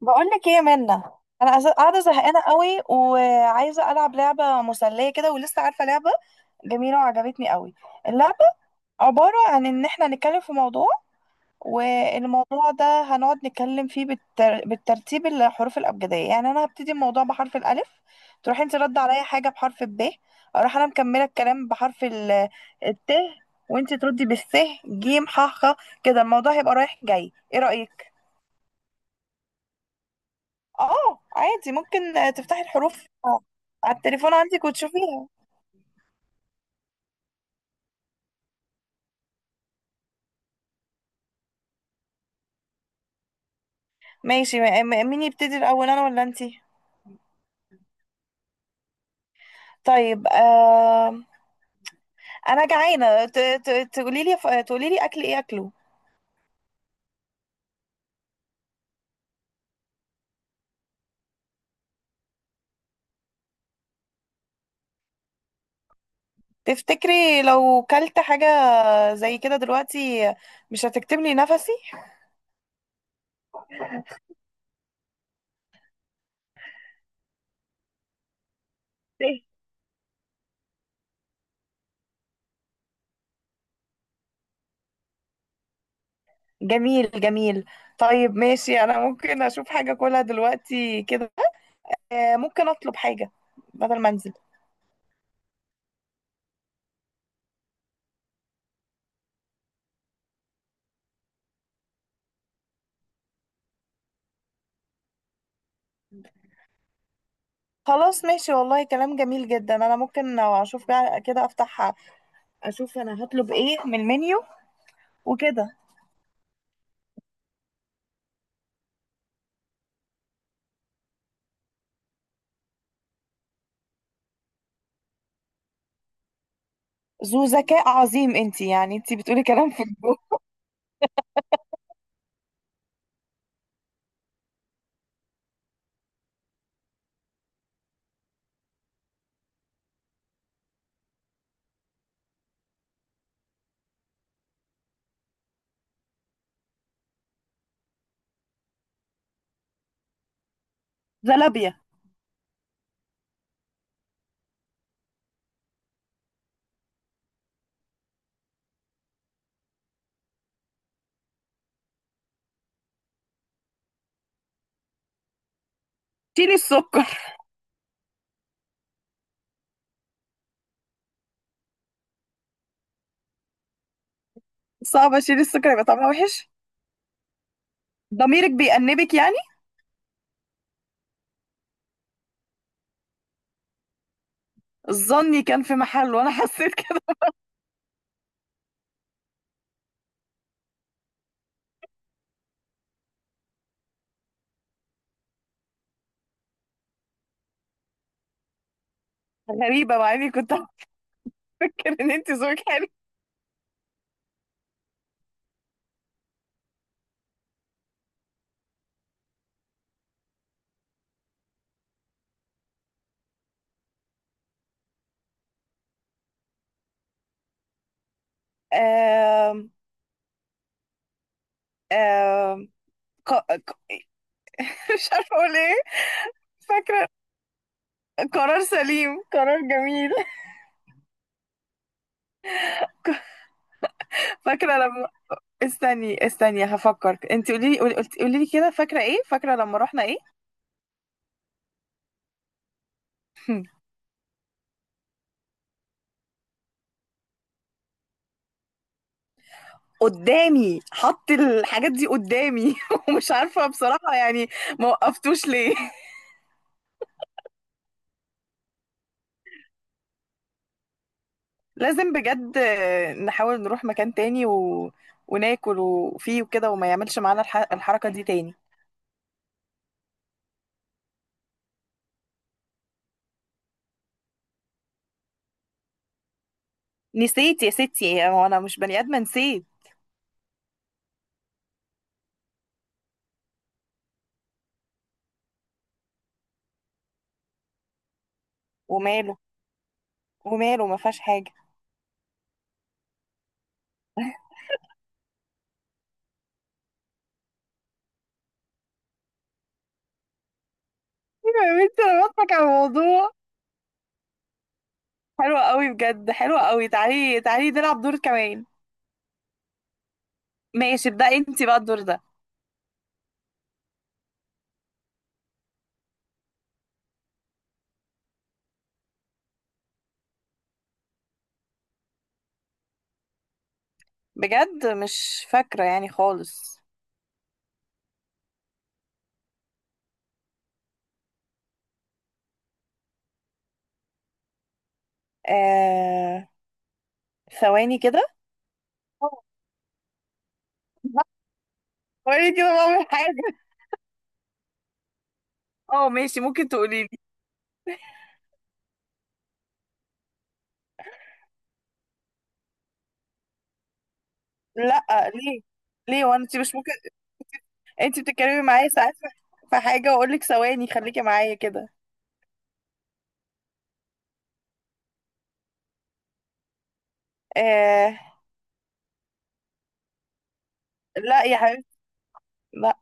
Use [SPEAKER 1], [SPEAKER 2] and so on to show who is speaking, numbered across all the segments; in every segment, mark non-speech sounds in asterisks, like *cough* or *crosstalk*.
[SPEAKER 1] بقول لك ايه يا منى. انا عايزة- قاعده زهقانه قوي وعايزه العب لعبه مسليه كده ولسه عارفه لعبه جميله وعجبتني قوي اللعبه. عباره عن ان احنا نتكلم في موضوع، والموضوع ده هنقعد نتكلم فيه بالترتيب الحروف الابجديه، يعني انا هبتدي الموضوع بحرف الالف، تروح انت رد عليا حاجه بحرف الب، اروح انا مكمله الكلام بحرف الت، وانت تردي بالس، ج ح خ. كده الموضوع هيبقى رايح جاي، ايه رايك؟ اه عادي، ممكن تفتحي الحروف على التليفون عندك وتشوفيها. ماشي، مين يبتدي الاول، انا ولا انتي؟ طيب آه، انا جعانه، تقولي لي اكل ايه اكله. تفتكري لو كلت حاجه زي كده دلوقتي مش هتكتم لي نفسي؟ إيه؟ جميل جميل. طيب ماشي، انا ممكن اشوف حاجه اكلها دلوقتي كده. آه ممكن اطلب حاجه بدل ما انزل. خلاص ماشي، والله كلام جميل جدا، انا ممكن لو اشوف بقى كده، افتح اشوف انا هطلب ايه من المنيو وكده. ذو ذكاء عظيم انتي، يعني انتي بتقولي كلام في. زلابية. شيلي السكر. صعب اشيل السكر يبقى طعمها وحش. ضميرك بيأنبك يعني. ظني كان في محله وانا حسيت كده. *laughs* غريبة، مع اني كنت هفكر ان انتي ذوقك حلو. آم. آم. ق... ق... *laughs* مش عارفة اقول ايه. فاكرة. قرار سليم، قرار جميل. *laughs* فاكرة لما استني استني هفكر، انت قولي لي، قولي لي كده فاكره ايه، فاكره لما رحنا ايه. *laughs* قدامي، حط الحاجات دي قدامي *laughs* ومش عارفه بصراحه يعني ما وقفتوش ليه. *laughs* لازم بجد نحاول نروح مكان تاني وناكل وفيه وكده، وما يعملش معانا الحركه دي تاني. نسيت يا ستي، هو انا مش بني ادمه؟ نسيت. وماله، وماله، ما فيهاش حاجه. *laughs* ايوه يا بنتي انا بضحك على الموضوع، حلوه قوي بجد، حلوه قوي. تعالي تعالي نلعب دور كمان. ماشي، ابدأي انتي بقى الدور ده. بجد مش فاكرة يعني خالص. آه... ثواني كده. قولي كده بعمل حاجة. اه ماشي، ممكن تقولي لي. لا ليه؟ ليه وانا انت مش ممكن. انت بتتكلمي معايا ساعات في في حاجة واقول لك ثواني خليكي معايا كده. آه... لا يا حبيبتي، لا.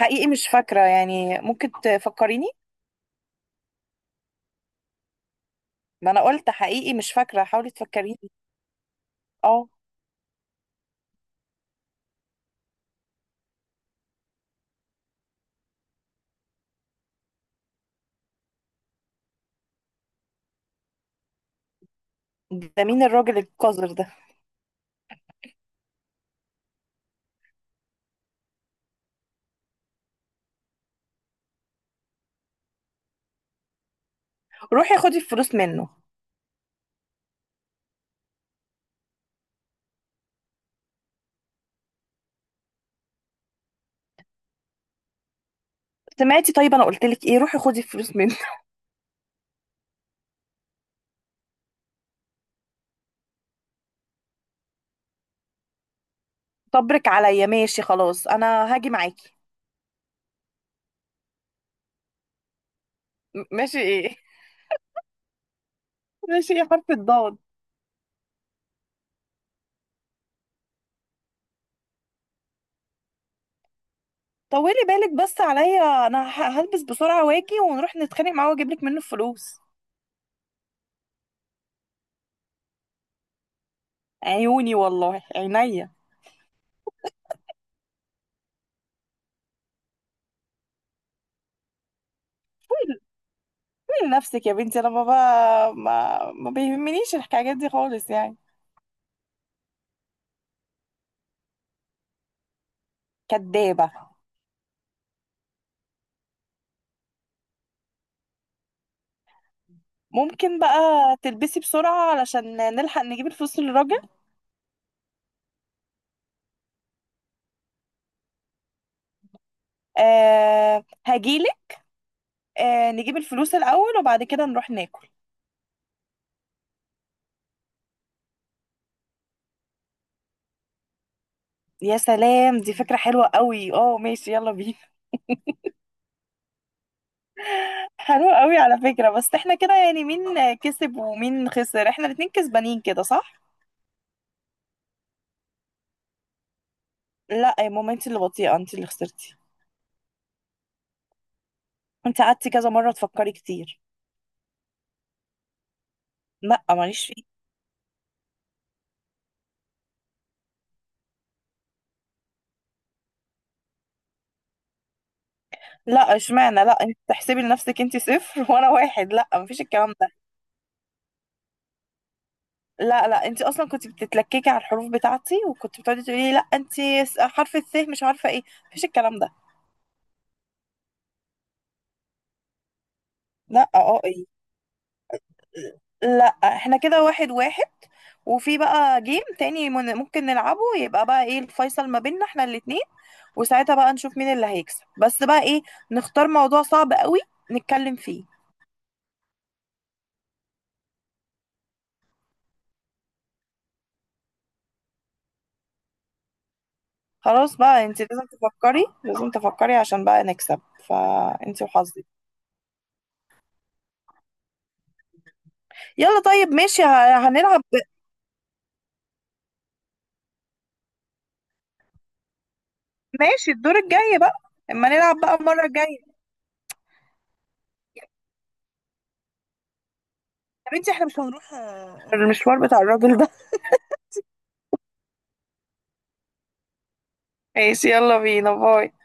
[SPEAKER 1] حقيقي مش فاكرة يعني، ممكن تفكريني. ما انا قلت حقيقي مش فاكرة، حاولي تفكريني. اه. ده مين الراجل القذر ده؟ روحي خدي الفلوس منه. سمعتي؟ طيب انا قلت لك ايه؟ روحي خدي الفلوس منه. *laughs* صبرك عليا، ماشي خلاص انا هاجي معاكي. ماشي ايه؟ *laughs* ماشي يا حرف الضاد. طولي بالك بس عليا، انا هلبس بسرعه واجي ونروح نتخانق معاه واجيب لك منه الفلوس. عيوني والله، عينيا. من نفسك يا بنتي انا بابا، ما بيهمنيش الحكايات دي خالص يعني. كدابه. ممكن بقى تلبسي بسرعه علشان نلحق نجيب الفلوس للراجل. آه هجيلك. آه نجيب الفلوس الاول وبعد كده نروح ناكل. يا سلام، دي فكرة حلوة قوي، اه ماشي يلا بينا. *laughs* حلوة قوي على فكرة، بس احنا كده يعني مين كسب ومين خسر؟ احنا الاتنين كسبانين كده صح. لا يا ماما، انت اللي بطيئة، انت اللي خسرتي. انت قعدتي كذا مرة تفكري كتير. لا ماليش فيه. لا اشمعنى، لا انت تحسبي لنفسك، انت صفر *laughs* وانا واحد. لا مفيش الكلام ده. لا لا، انت اصلا كنت بتتلككي على الحروف بتاعتي، وكنت بتقعدي تقولي لي لا انت، حرف الث مش عارفة ايه. مفيش الكلام ده. لا اه إيه. لا احنا كده واحد واحد، وفي بقى جيم تاني ممكن نلعبه، يبقى بقى ايه الفيصل ما بيننا احنا الاتنين، وساعتها بقى نشوف مين اللي هيكسب، بس بقى ايه، نختار موضوع صعب قوي نتكلم فيه. خلاص بقى انت لازم تفكري، لازم تفكري عشان بقى نكسب، فانت وحظك. يلا طيب ماشي هنلعب. ماشي الدور الجاي بقى، اما نلعب بقى المرة الجاية. يا بنتي احنا مش هنروح آه، المشوار بتاع الراجل ده. *laughs* ماشي يلا بينا، باي.